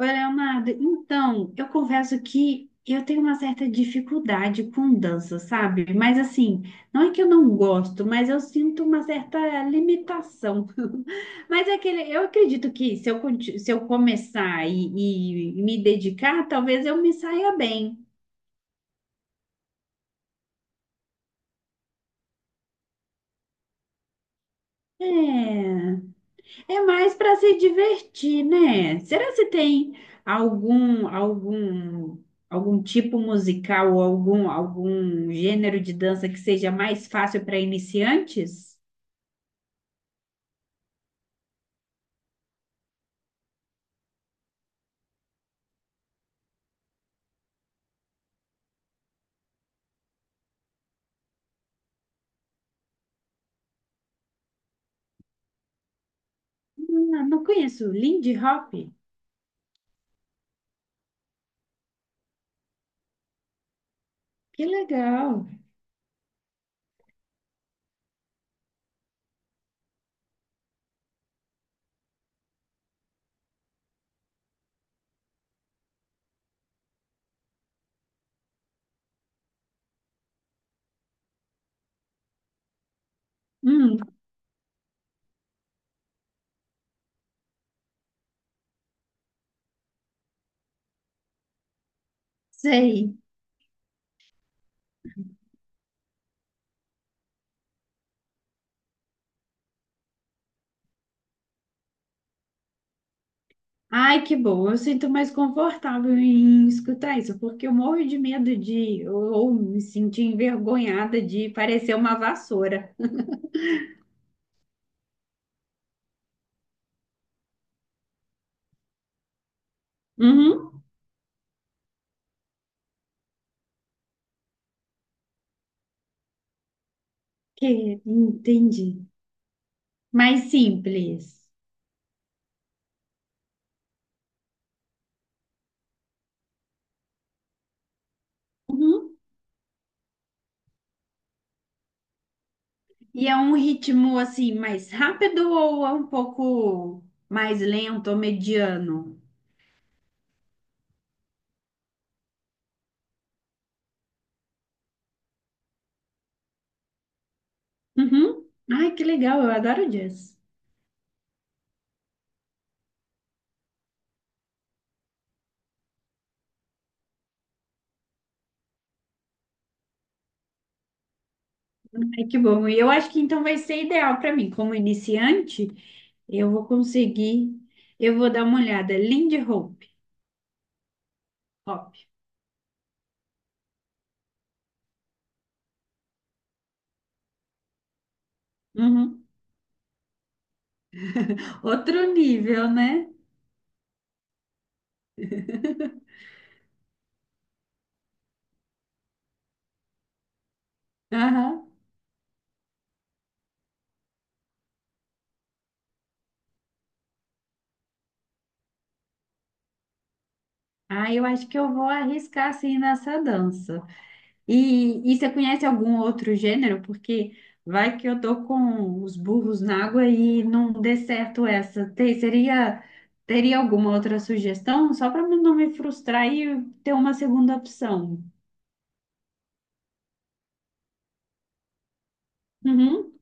Oi, Leonardo. Então, eu confesso que eu tenho uma certa dificuldade com dança, sabe? Mas assim, não é que eu não gosto, mas eu sinto uma certa limitação. Mas é aquele, eu acredito que se eu começar e me dedicar, talvez eu me saia bem. É. É mais para se divertir, né? Será se tem algum algum algum tipo musical ou algum gênero de dança que seja mais fácil para iniciantes? Não, não conheço. Lindy Hop? Que legal. Hum, sei. Ai, que bom. Eu sinto mais confortável em escutar isso, porque eu morro de medo de ou me sentir envergonhada de parecer uma vassoura. Uhum. Que entendi. Mais simples. Uhum. E é um ritmo assim mais rápido ou é um pouco mais lento ou mediano? Uhum. Ai, que legal, eu adoro jazz. Ai, que bom. E eu acho que então vai ser ideal para mim. Como iniciante, eu vou conseguir. Eu vou dar uma olhada. Lindy Hop. Hop. Uhum. Outro nível, né? Aham. Ah, eu acho que eu vou arriscar assim nessa dança. E você conhece algum outro gênero? Porque vai que eu tô com os burros na água e não dê certo essa. Teria alguma outra sugestão? Só para não me frustrar e ter uma segunda opção. Uhum,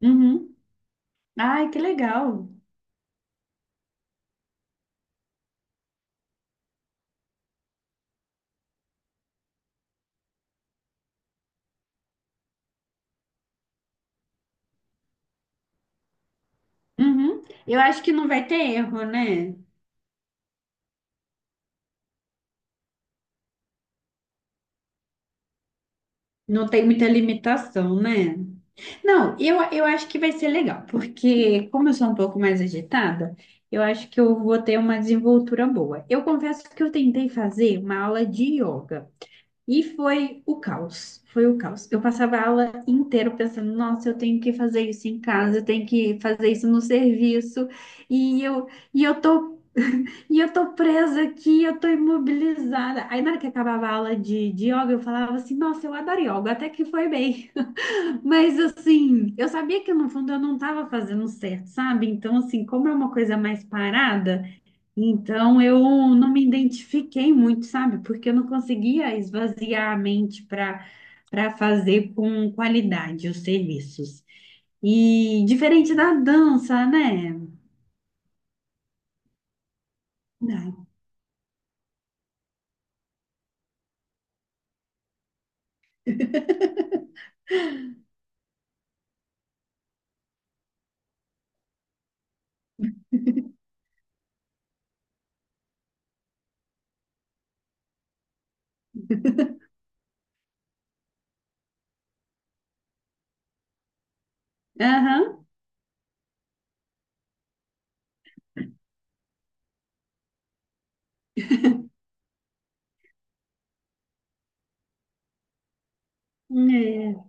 uhum. Ai, que legal. Uhum. Eu acho que não vai ter erro, né? Não tem muita limitação, né? Não, eu acho que vai ser legal, porque como eu sou um pouco mais agitada, eu acho que eu vou ter uma desenvoltura boa. Eu confesso que eu tentei fazer uma aula de yoga e foi o caos, foi o caos. Eu passava a aula inteira pensando, nossa, eu tenho que fazer isso em casa, eu tenho que fazer isso no serviço, e eu, e eu tô, e eu tô presa aqui, eu tô imobilizada. Aí na hora que acabava a aula de, yoga, eu falava assim, nossa, eu adoro yoga, até que foi bem. Mas assim, eu sabia que no fundo eu não estava fazendo certo, sabe? Então, assim, como é uma coisa mais parada, então eu não me identifiquei muito, sabe? Porque eu não conseguia esvaziar a mente para para fazer com qualidade os serviços. E diferente da dança, né? Não. Aham. É.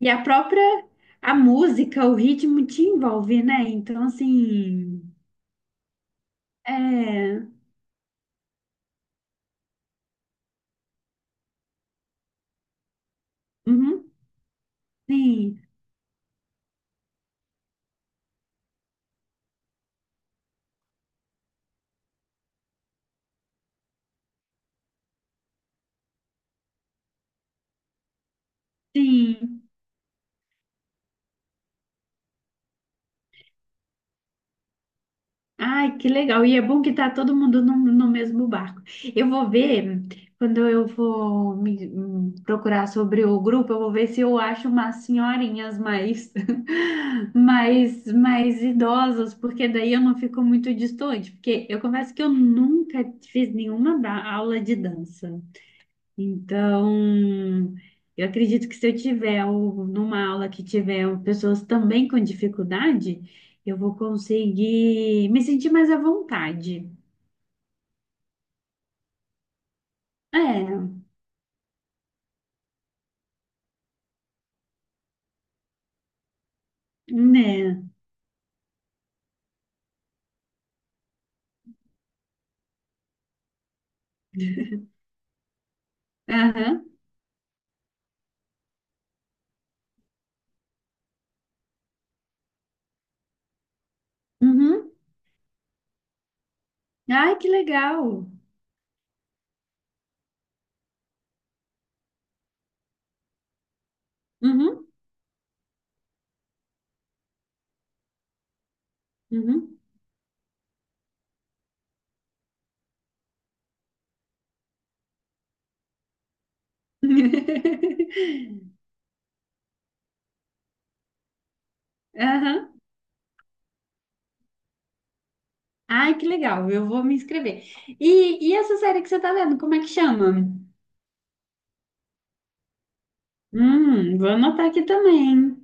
E a própria a música, o ritmo te envolve, né? Então, assim, é. Uhum. Sim, sim. Ai, que legal. E é bom que tá todo mundo no, mesmo barco. Eu vou ver, quando eu vou procurar sobre o grupo, eu vou ver se eu acho umas senhorinhas mais, mais idosas, porque daí eu não fico muito distante. Porque eu confesso que eu nunca fiz aula de dança. Então, eu acredito que se eu tiver numa aula que tiver pessoas também com dificuldade, eu vou conseguir me sentir mais à vontade. É, né? Aham. Uhum. Ai, que legal. Uhum. Uhum. Aham. Ai, que legal. Eu vou me inscrever. E essa série que você tá vendo, como é que chama? Vou anotar aqui também.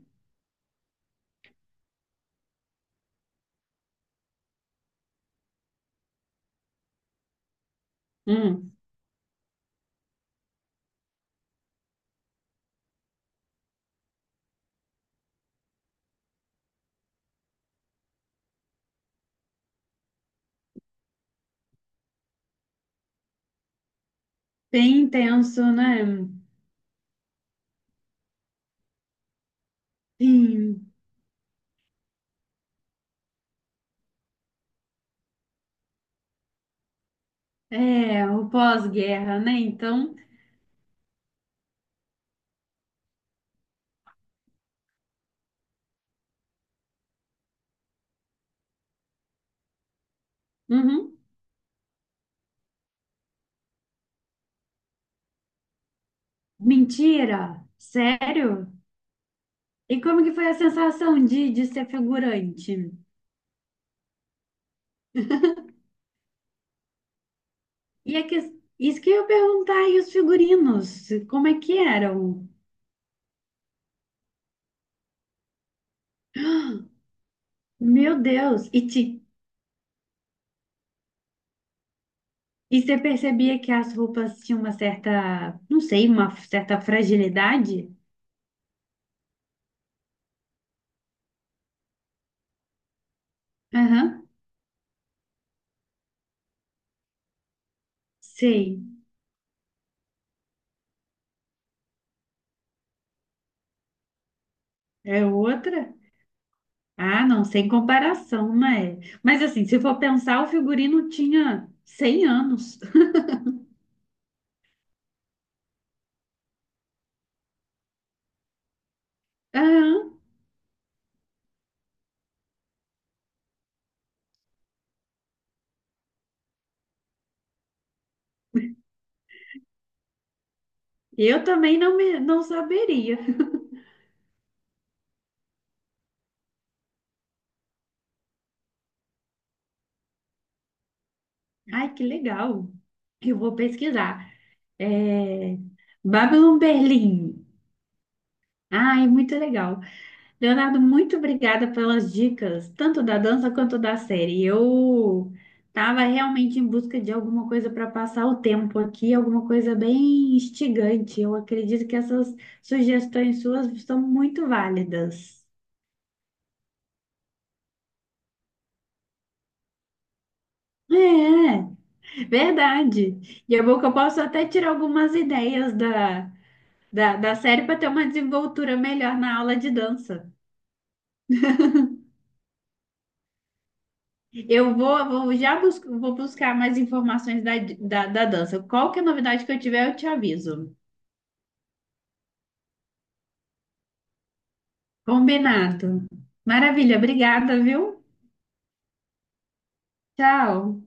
Hum, bem intenso, né? Sim. É, o pós-guerra, né? Então, uhum. Mentira? Sério? E como que foi a sensação de, ser figurante? E é que, isso que eu ia perguntar, e os figurinos, como é que eram? Meu Deus! E você percebia que as roupas tinham uma certa, não sei, uma certa fragilidade? Aham, sei. É outra? Ah, não, sem comparação, né? Mas assim, se for pensar, o figurino tinha 100 anos. Aham. Eu também não, me, não saberia. Ai, que legal. Eu vou pesquisar. É. Babylon Berlim. Ai, muito legal. Leonardo, muito obrigada pelas dicas, tanto da dança quanto da série. Eu estava realmente em busca de alguma coisa para passar o tempo aqui, alguma coisa bem instigante. Eu acredito que essas sugestões suas são muito válidas. É. É. Verdade. E é bom que eu posso até tirar algumas ideias da, da série para ter uma desenvoltura melhor na aula de dança. Eu vou já bus vou buscar mais informações da, da dança. Qualquer novidade que eu tiver, eu te aviso. Combinado. Maravilha, obrigada, viu? Tchau.